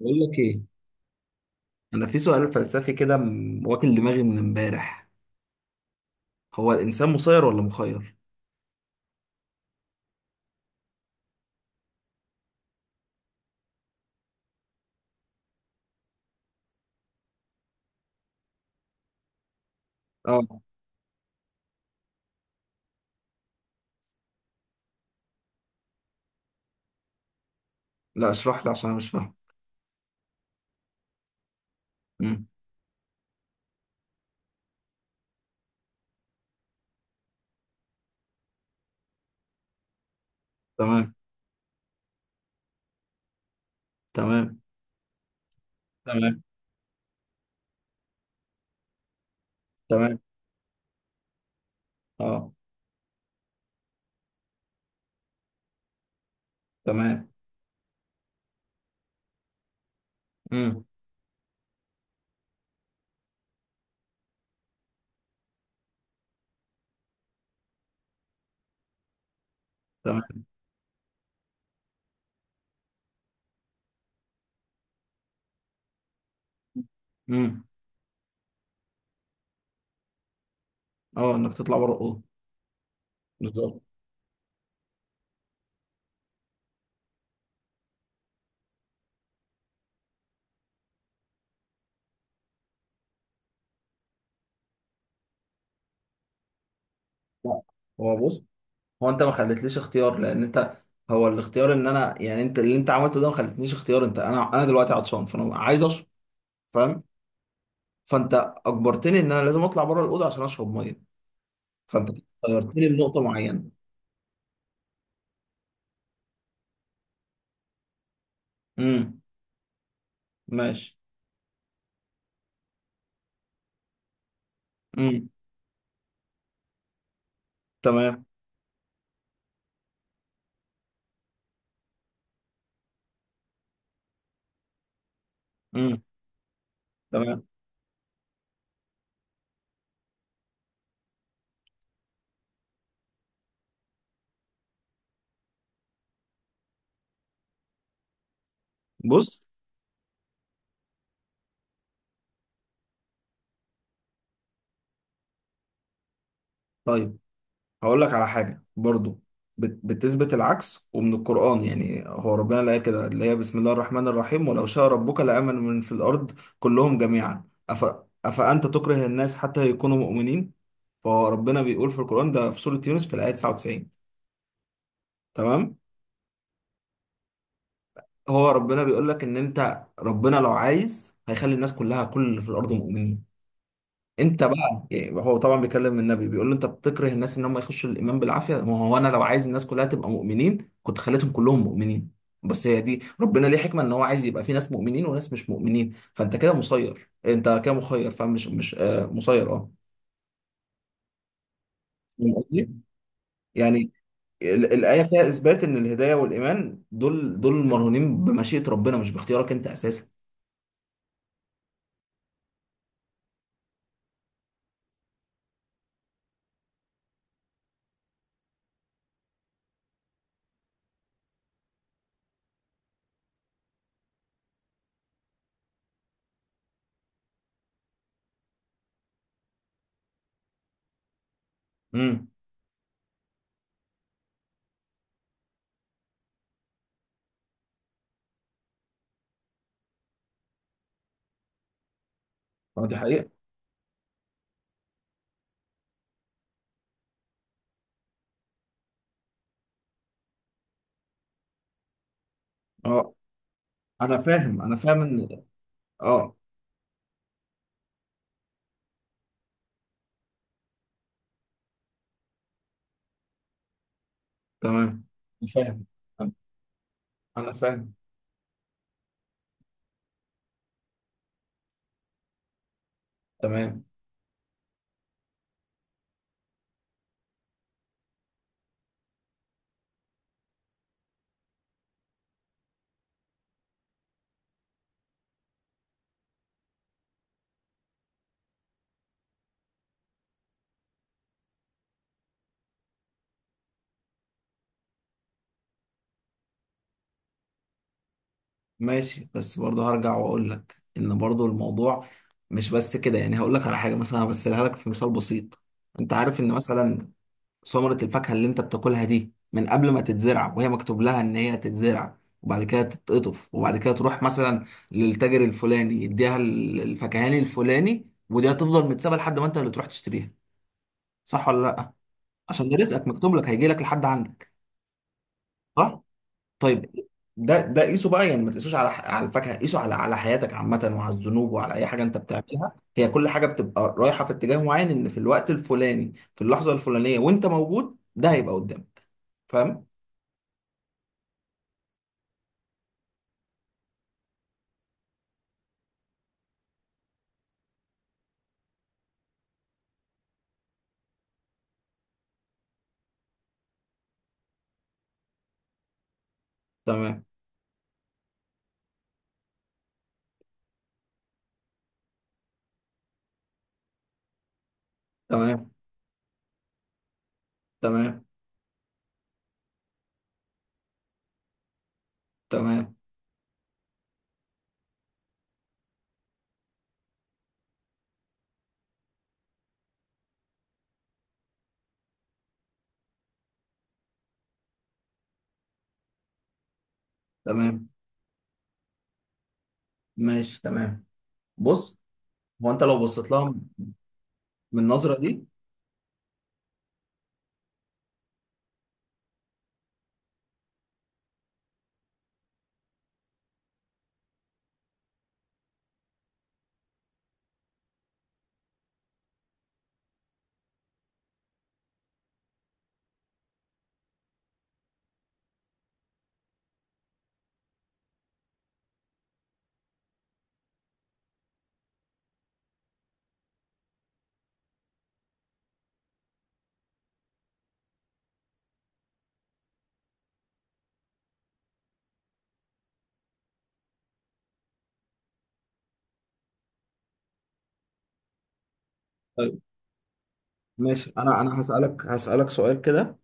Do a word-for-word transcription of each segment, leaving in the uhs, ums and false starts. بقول لك ايه. انا في سؤال فلسفي كده، م- واكل دماغي من امبارح. هو الانسان مسير ولا مخير؟ اه. لا اشرح لي عشان انا مش فاهم. امم تمام. تمام. تمام. تمام. اه. تمام. امم. تمام. امم. اه، انك تطلع بره الاوضه. بالظبط. لا. هو بص، هو انت ما خليتليش اختيار، لان انت، هو الاختيار ان انا، يعني انت اللي انت عملته ده ما خليتنيش اختيار. انت انا انا دلوقتي عطشان فانا عايز اشرب. فاهم؟ فانت اجبرتني ان انا لازم اطلع بره الاوضه عشان اشرب ميه، فانت خيرتني لنقطه معينه. امم. ماشي. امم. تمام. امم. تمام. بص. طيب هقول لك على حاجه برضو بت- بتثبت العكس ومن القران. يعني هو ربنا، لا كده، اللي هي بسم الله الرحمن الرحيم، ولو شاء ربك لامن من في الارض كلهم جميعا، أف... افانت تكره الناس حتى يكونوا مؤمنين. فهو ربنا بيقول في القران ده في سوره يونس في الايه تسعه وتسعين. تمام. هو ربنا بيقول لك ان انت، ربنا لو عايز هيخلي الناس كلها، كل اللي في الارض، مؤمنين. انت بقى إيه، هو طبعا بيكلم النبي، بيقول له انت بتكره الناس ان هم يخشوا الايمان بالعافيه، ما هو انا لو عايز الناس كلها تبقى مؤمنين كنت خليتهم كلهم مؤمنين. بس هي دي، ربنا ليه حكمه ان هو عايز يبقى في ناس مؤمنين وناس مش مؤمنين. فانت كده مسير، انت كده مخير، فمش مش آه مسير، اه. فاهم قصدي؟ يعني ال- الايه فيها اثبات ان الهدايه والايمان دول دول مرهونين بمشيئه ربنا، مش باختيارك انت اساسا. امم. اه، دي حقيقه. اه انا فاهم، انا فاهم ان، اه. تمام. فاهم، انا فاهم. تمام. ماشي. بس برضه هرجع واقول لك ان برضه الموضوع مش بس كده. يعني هقول لك على حاجه مثلا، همثلها لك في مثال بسيط. انت عارف ان مثلا ثمره الفاكهه اللي انت بتاكلها دي، من قبل ما تتزرع وهي مكتوب لها ان هي تتزرع، وبعد كده تتقطف، وبعد كده تروح مثلا للتاجر الفلاني، يديها الفكهاني الفلاني، ودي هتفضل متسابه لحد ما انت اللي تروح تشتريها. صح ولا لا؟ عشان ده رزقك مكتوب لك، هيجي لك لحد عندك. صح؟ طيب ده ده قيسه بقى. يعني ما تقيسوش على على الفاكهه، قيسه على على حياتك عامه، وعلى الذنوب، وعلى اي حاجه انت بتعملها. هي كل حاجه بتبقى رايحه في اتجاه معين، ان في الوقت الفلاني، في اللحظه الفلانيه وانت موجود، ده هيبقى قدامك. فاهم؟ تمام. تمام. تمام. تمام. تمام. ماشي. تمام. بص، هو انت لو بصيت لها من النظره دي. طيب ماشي. انا انا هسالك هسالك سؤال كده.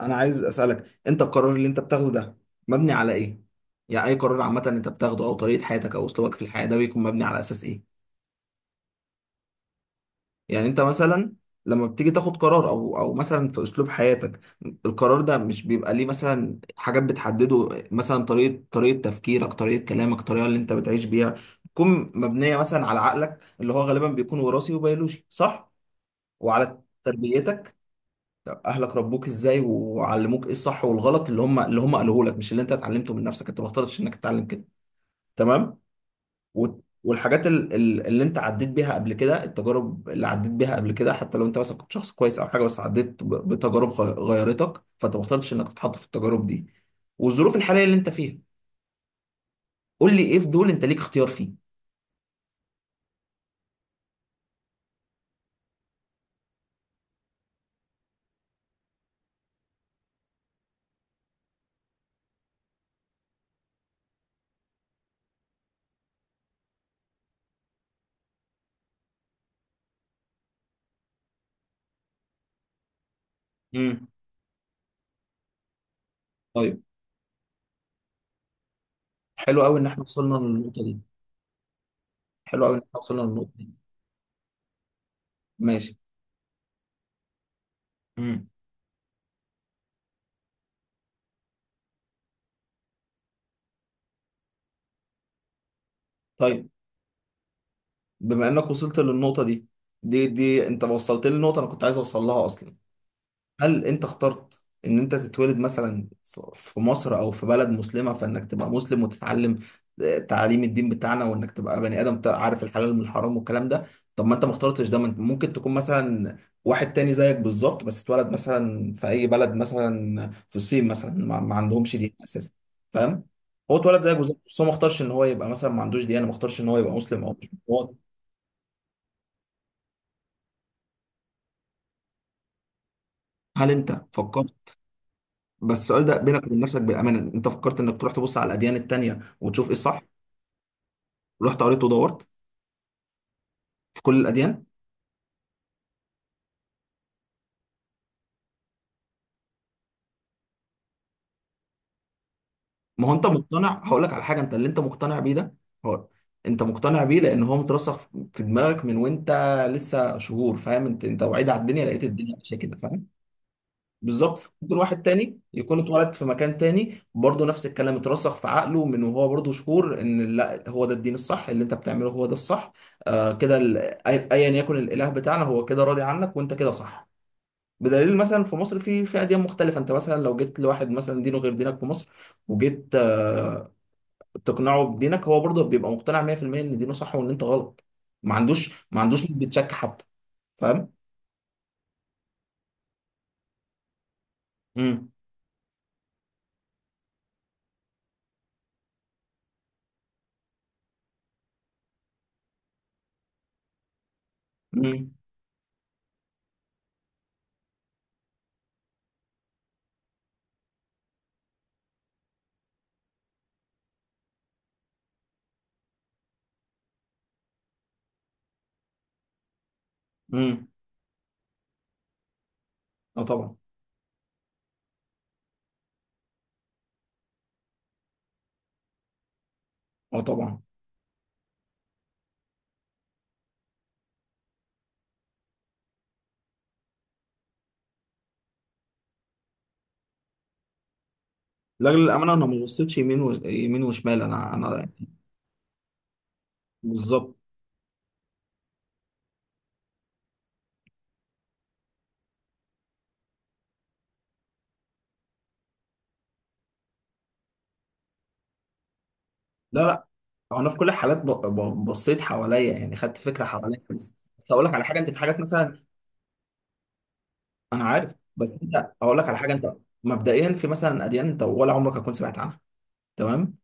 انا عايز اسالك، انت القرار اللي انت بتاخده ده مبني على ايه؟ يعني اي قرار عامه انت بتاخده، او طريقه حياتك او اسلوبك في الحياه، ده بيكون مبني على اساس ايه؟ يعني انت مثلا لما بتيجي تاخد قرار، او او مثلا في اسلوب حياتك، القرار ده مش بيبقى ليه مثلا حاجات بتحدده؟ مثلا طريقه طريقه تفكيرك، طريقه كلامك، الطريقه اللي انت بتعيش بيها، تكون مبنيه مثلا على عقلك اللي هو غالبا بيكون وراثي وبيولوجي، صح؟ وعلى تربيتك. طب اهلك ربوك ازاي وعلموك ايه الصح والغلط؟ اللي هم اللي هم قالوه لك، مش اللي انت اتعلمته من نفسك. انت ما اخترتش انك تتعلم كده. تمام. وال- والحاجات ال- ال- اللي انت عديت بيها قبل كده، التجارب اللي عديت بيها قبل كده، حتى لو انت مثلا كنت شخص كويس او حاجه، بس عديت ب- بتجارب غ- غيرتك. فانت ما اخترتش انك تتحط في التجارب دي. والظروف الحاليه اللي انت فيها، قول لي ايه في دول انت ليك اختيار فيه؟ امم. طيب. حلو قوي ان احنا وصلنا للنقطه دي. حلو قوي ان احنا وصلنا للنقطه دي. ماشي. امم. طيب. بما انك وصلت للنقطة دي، دي دي انت وصلت لي النقطة انا كنت عايز اوصل لها اصلا. هل انت اخترت ان انت تتولد مثلا ف- في مصر او في بلد مسلمة، فانك تبقى مسلم وتتعلم آه، تعاليم الدين بتاعنا، وانك تبقى بني ادم تع- عارف الحلال من الحرام والكلام ده؟ طب ما انت ما اخترتش ده. ما انت ممكن تكون مثلا واحد تاني زيك بالظبط، بس اتولد مثلا في اي بلد، مثلا في الصين مثلا، ما, ما عندهمش دين اساسا. فاهم؟ هو اتولد زيك بالظبط، بس هو ما اختارش ان هو يبقى، مثلا ما عندوش ديانة، ما اختارش ان هو يبقى مسلم او مش. هو، هل انت فكرت؟ بس السؤال ده بينك وبين نفسك، بالامانه، انت فكرت انك تروح تبص على الاديان التانيه وتشوف ايه الصح؟ رحت قريت ودورت في كل الاديان؟ ما هو انت مقتنع. هقول لك على حاجه، انت اللي انت مقتنع بيه ده، هو انت مقتنع بيه لان هو مترسخ في دماغك من وانت لسه شهور. فاهم؟ انت انت وعيد على الدنيا لقيت الدنيا ماشيه كده. فاهم؟ بالظبط. ممكن واحد تاني يكون اتولد في مكان تاني برضه، نفس الكلام اترسخ في عقله من وهو برضه شهور ان لا هو ده الدين الصح. اللي انت بتعمله هو ده الصح. آه كده، ال- أي- ايا يكن الاله بتاعنا، هو كده راضي عنك وانت كده صح. بدليل، مثلا في مصر، في في اديان مختلفه. انت مثلا لو جيت لواحد مثلا دينه غير دينك في مصر، وجيت آه تقنعه بدينك، هو برضه بيبقى مقتنع مية في المية ان دينه صح وان انت غلط. ما عندوش، ما عندوش نسبه شك حتى. فاهم؟ امم. امم. امم. اه، طبعا. اه، طبعا. لاجل الامانه، انا ما بصيتش يمين، و... يمين وشمال. انا انا بالظبط. لا، لا. هو انا في كل الحالات ب... ب... بصيت حواليا، يعني خدت فكره حواليا بس. اقول لك على حاجه، انت في حاجات مثلا. انا عارف، بس انت اقول لك على حاجه. انت مبدئيا في مثلا اديان انت ولا عمرك هتكون سمعت عنها. تمام.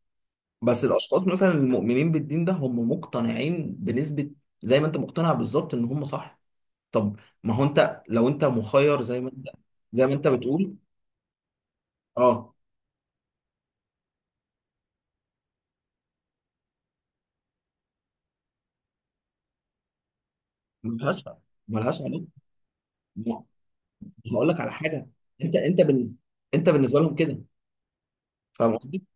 بس الاشخاص مثلا المؤمنين بالدين ده هم مقتنعين بنسبه زي ما انت مقتنع بالظبط ان هم صح. طب ما هو انت لو انت مخير، زي ما انت، زي ما انت بتقول. اه. ملهاش ملهاش علاقه. هقول لك على حاجه، انت انت بالنسبه انت بالنسبه لهم كده. فاهم قصدي؟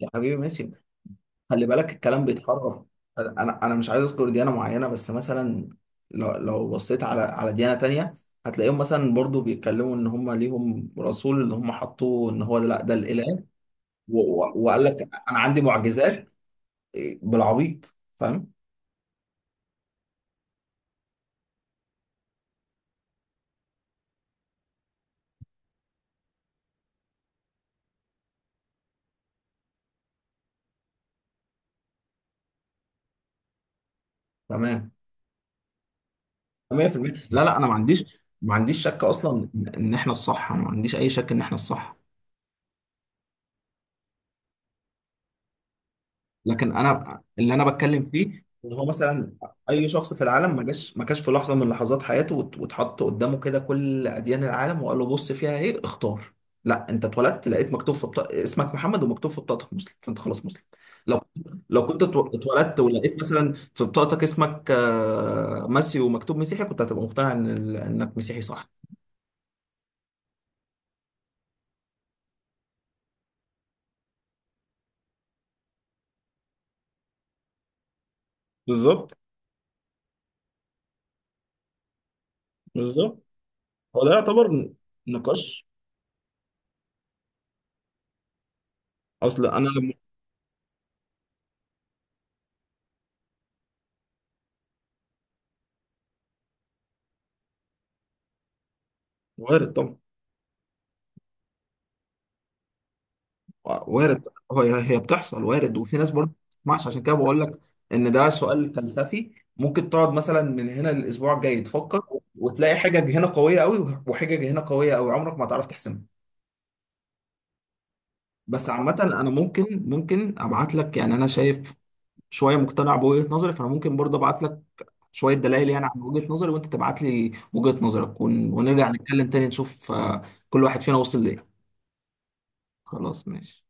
يا حبيبي ماشي، خلي بالك الكلام بيتحرر. انا انا مش عايز اذكر ديانه معينه، بس مثلا، لو لو بصيت على على ديانه تانية، هتلاقيهم مثلا برضو بيتكلموا ان هم ليهم رسول اللي هم حطوه ان هو ده، لا ده الاله، و- و- وقال لك انا عندي معجزات، بالعبيط، فاهم؟ تمام. مية في المية، لا، لا، انا ما عنديش، ما عنديش شك اصلا ان إن احنا الصح. انا ما عنديش اي شك ان احنا الصح. لكن انا اللي انا بتكلم فيه ان هو مثلا، اي شخص في العالم ما جاش، ما كانش في لحظه من لحظات حياته وات- واتحط قدامه كده كل اديان العالم وقال له بص فيها ايه اختار. لا، انت اتولدت لقيت مكتوب في بطاقة اسمك محمد ومكتوب في بطاقتك مسلم، فانت خلاص مسلم. لو لو كنت اتو- اتولدت ولقيت مثلا في بطاقتك اسمك آه، ماسيو ومكتوب مسيحي، كنت هتبقى مقتنع ان ال- انك مسيحي، صح؟ بالظبط، بالظبط. هو ده يعتبر نقاش. اصل انا لما. وارد طبعا. وارد. هي هي بتحصل، وارد. وفي ناس برضه ما بتسمعش، عشان كده بقول لك ان ده سؤال فلسفي، ممكن تقعد مثلا من هنا للاسبوع الجاي تفكر، وتلاقي حجج هنا قويه قوي، وحجج هنا قويه قوي، عمرك ما هتعرف تحسمها. بس عامه انا ممكن، ممكن ابعت لك. يعني انا شايف شويه مقتنع بوجهه نظري، فانا ممكن برضه ابعت لك شويه دلائل، يعني عن وجهه نظري، وانت تبعت لي وجهه نظرك، ون- ونرجع نتكلم تاني نشوف آه، كل واحد فينا وصل لايه. خلاص ماشي.